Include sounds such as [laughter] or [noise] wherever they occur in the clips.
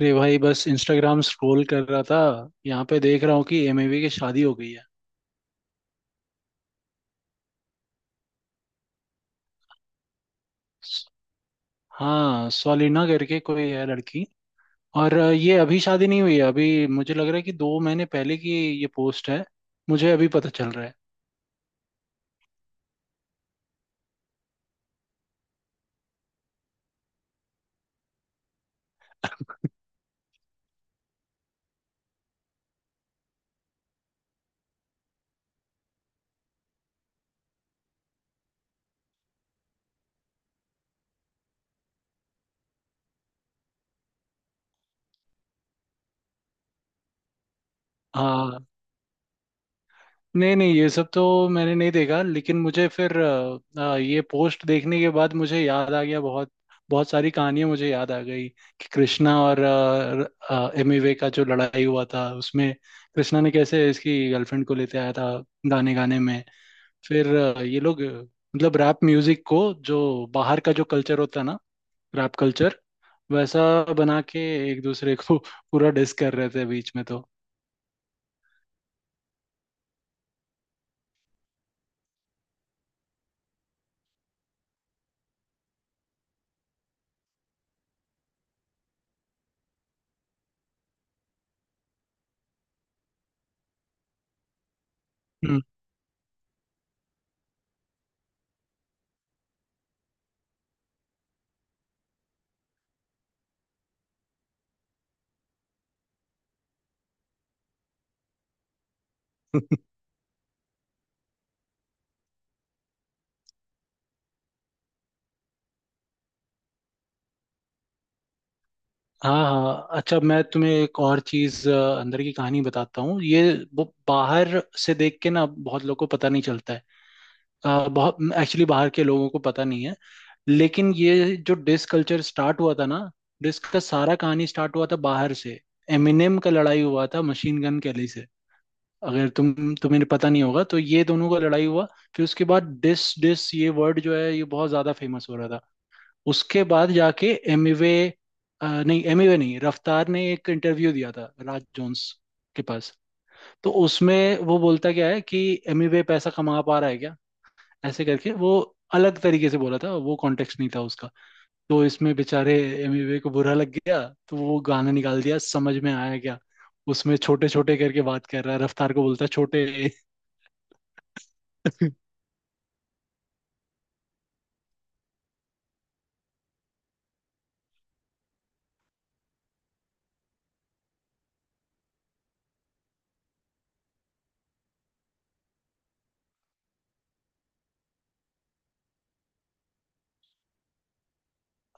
अरे भाई, बस इंस्टाग्राम स्क्रॉल कर रहा था। यहाँ पे देख रहा हूँ कि एमएवी की शादी हो गई है। हाँ, सोलिना करके कोई है लड़की। और ये अभी शादी नहीं हुई है। अभी मुझे लग रहा है कि 2 महीने पहले की ये पोस्ट है। मुझे अभी पता चल रहा है। हाँ, नहीं, नहीं, ये सब तो मैंने नहीं देखा, लेकिन मुझे फिर ये पोस्ट देखने के बाद मुझे याद आ गया। बहुत बहुत सारी कहानियां मुझे याद आ गई कि कृष्णा और एमिवे का जो लड़ाई हुआ था, उसमें कृष्णा ने कैसे इसकी गर्लफ्रेंड को लेते आया था गाने गाने में। फिर ये लोग, मतलब रैप म्यूजिक को, जो बाहर का जो कल्चर होता है ना, रैप कल्चर, वैसा बना के एक दूसरे को [laughs] पूरा डिस कर रहे थे बीच में तो। हम्म। हाँ, हाँ, अच्छा, मैं तुम्हें एक और चीज अंदर की कहानी बताता हूँ ये। वो बाहर से देख के ना, बहुत लोगों को पता नहीं चलता है। बहुत एक्चुअली बाहर के लोगों को पता नहीं है। लेकिन ये जो डिस कल्चर स्टार्ट हुआ था ना, डिस का सारा कहानी स्टार्ट हुआ था बाहर से। एमिनेम का लड़ाई हुआ था मशीन गन कैली से। अगर तुम तुम्हें पता नहीं होगा, तो ये दोनों का लड़ाई हुआ। फिर उसके बाद डिस डिस ये वर्ड जो है, ये बहुत ज्यादा फेमस हो रहा था। उसके बाद जाके एमिवे नहीं एमिवे नहीं, रफ्तार ने एक इंटरव्यू दिया था राज जोन्स के पास। तो उसमें वो बोलता क्या है कि एमिवे पैसा कमा पा रहा है क्या, ऐसे करके। वो अलग तरीके से बोला था, वो कॉन्टेक्स्ट नहीं था उसका। तो इसमें बेचारे एमिवे को बुरा लग गया, तो वो गाना निकाल दिया। समझ में आया क्या? उसमें छोटे छोटे करके बात कर रहा है, रफ्तार को बोलता है छोटे। [laughs]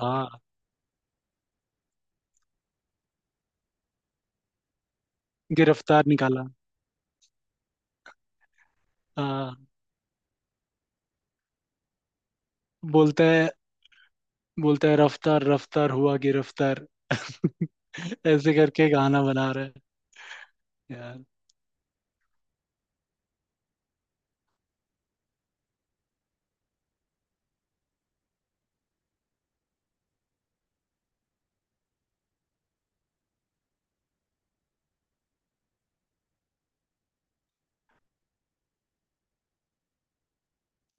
हाँ, गिरफ्तार निकाला। हाँ, बोलता है बोलता है रफ्तार रफ्तार हुआ गिरफ्तार। [laughs] ऐसे करके गाना बना रहे हैं यार।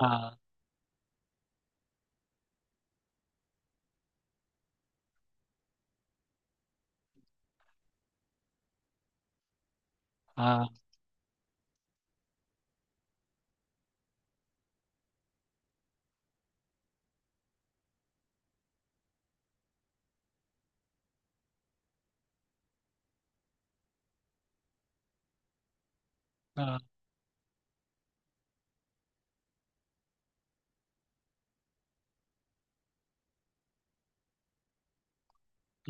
हाँ, हाँ, हाँ,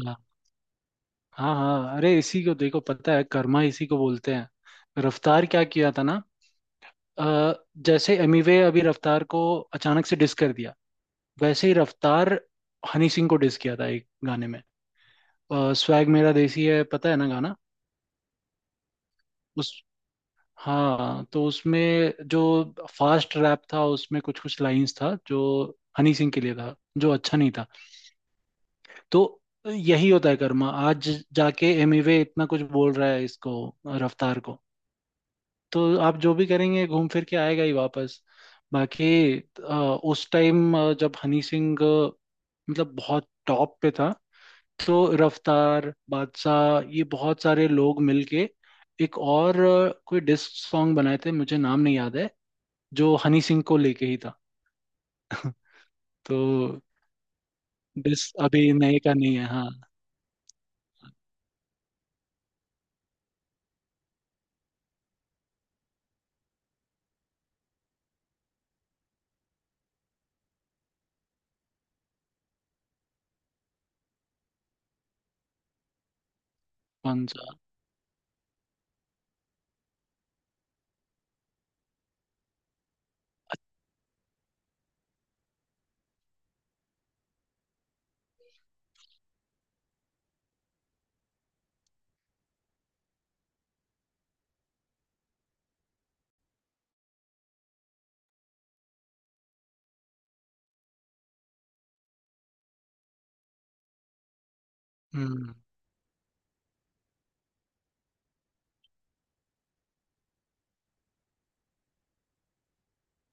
हाँ, हाँ, हाँ, अरे इसी को देखो, पता है कर्मा इसी को बोलते हैं। रफ्तार क्या किया था ना, अ, जैसे एमिवे अभी रफ्तार को अचानक से डिस कर दिया, वैसे ही रफ्तार हनी सिंह को डिस किया था एक गाने में। स्वैग मेरा देसी है, पता है ना गाना उस। हाँ, तो उसमें जो फास्ट रैप था, उसमें कुछ कुछ लाइंस था जो हनी सिंह के लिए था, जो अच्छा नहीं था। तो यही होता है कर्मा। आज जाके एमिवे इतना कुछ बोल रहा है इसको, रफ्तार को, तो आप जो भी करेंगे, घूम फिर के आएगा ही वापस। बाकी उस टाइम जब हनी सिंह मतलब बहुत टॉप पे था, तो रफ्तार, बादशाह, ये बहुत सारे लोग मिलके एक और कोई डिस्क सॉन्ग बनाए थे, मुझे नाम नहीं याद है, जो हनी सिंह को लेके ही था। तो डिस्क अभी नए का नहीं है, हाँ। कौन सा? हम्म।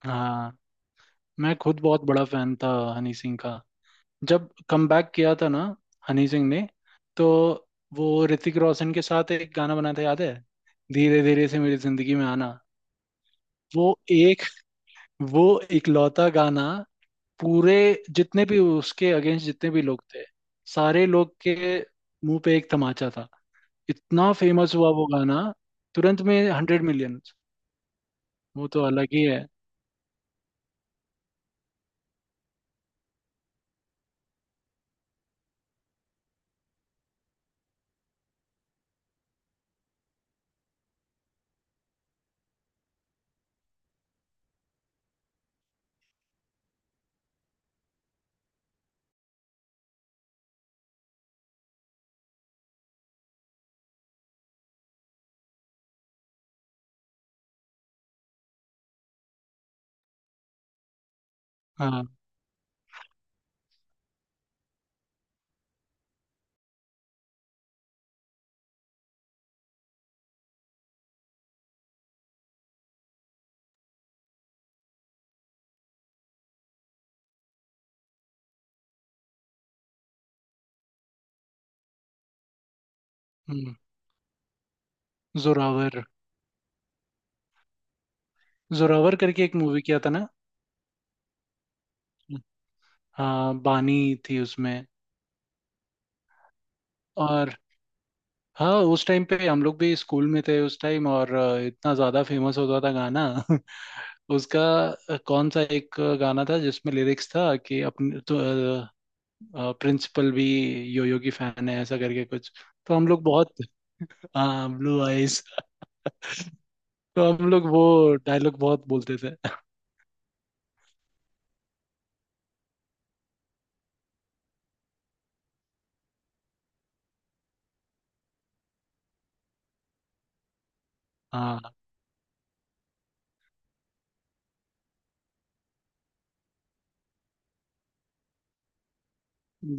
हाँ, मैं खुद बहुत बड़ा फैन था हनी सिंह का। जब कमबैक किया था ना हनी सिंह ने, तो वो ऋतिक रोशन के साथ एक गाना बना था, याद है? धीरे धीरे से मेरी जिंदगी में आना। वो एक वो इकलौता गाना, पूरे जितने भी उसके अगेंस्ट जितने भी लोग थे, सारे लोग के मुंह पे एक तमाचा था। इतना फेमस हुआ वो गाना, तुरंत में 100 मिलियन। वो तो अलग ही है। हाँ। हम्म, जोरावर। जोरावर करके एक मूवी किया था ना। हाँ, बानी थी उसमें। और हाँ, उस टाइम पे हम लोग भी स्कूल में थे उस टाइम, और इतना ज्यादा फेमस होता था गाना। [laughs] उसका कौन सा एक गाना था जिसमें लिरिक्स था कि अपने तो प्रिंसिपल भी योयो की फैन है, ऐसा करके कुछ। तो हम लोग बहुत। हाँ, ब्लू आइज। तो हम लोग वो डायलॉग बहुत बोलते थे। हाँ,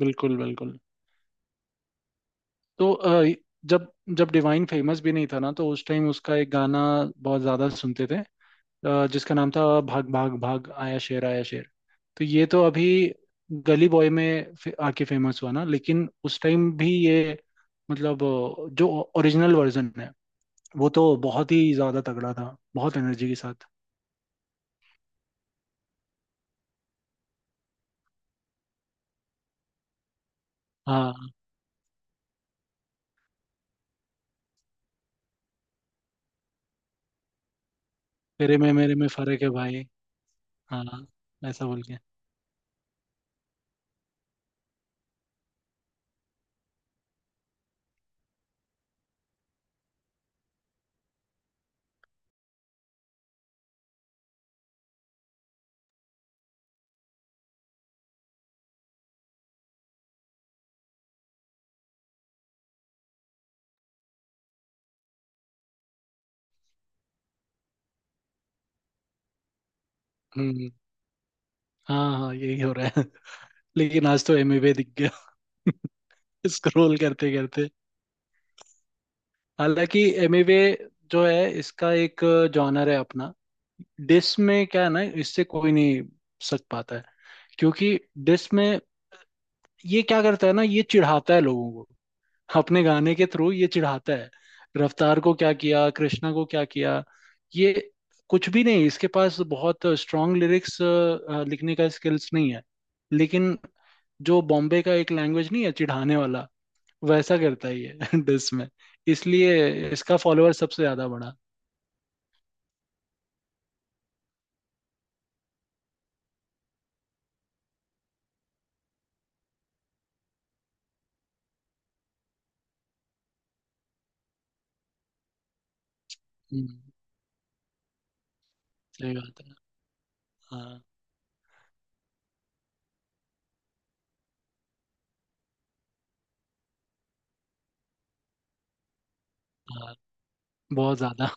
बिल्कुल, बिल्कुल। तो जब जब डिवाइन फेमस भी नहीं था ना, तो उस टाइम उसका एक गाना बहुत ज्यादा सुनते थे। जिसका नाम था, भाग भाग भाग आया शेर आया शेर। तो ये तो अभी गली बॉय में आके फेमस हुआ ना, लेकिन उस टाइम भी ये मतलब जो ओरिजिनल वर्जन है, वो तो बहुत ही ज्यादा तगड़ा था, बहुत एनर्जी के साथ। हाँ, तेरे में मेरे में फर्क है भाई। हाँ, ऐसा बोल के। हम्म। हाँ, हाँ, यही हो रहा है। [laughs] लेकिन आज तो एमिवे दिख गया। [laughs] स्क्रॉल करते करते। हालांकि एमिवे जो है, इसका एक जॉनर है अपना। डिस में क्या है ना, इससे कोई नहीं सक पाता है, क्योंकि डिस में ये क्या करता है ना, ये चिढ़ाता है लोगों को। अपने गाने के थ्रू ये चिढ़ाता है। रफ्तार को क्या किया, कृष्णा को क्या किया? ये कुछ भी नहीं, इसके पास बहुत स्ट्रांग लिरिक्स लिखने का स्किल्स नहीं है। लेकिन जो बॉम्बे का एक लैंग्वेज नहीं है चिढ़ाने वाला, वैसा करता ही है [laughs] डिस में। इसलिए इसका फॉलोअर सबसे ज्यादा बढ़ा। हम्म, सही बात है। हाँ, हाँ, बहुत ज्यादा। [laughs]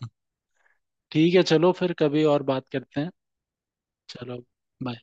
ठीक है, चलो फिर कभी और बात करते हैं। चलो bye।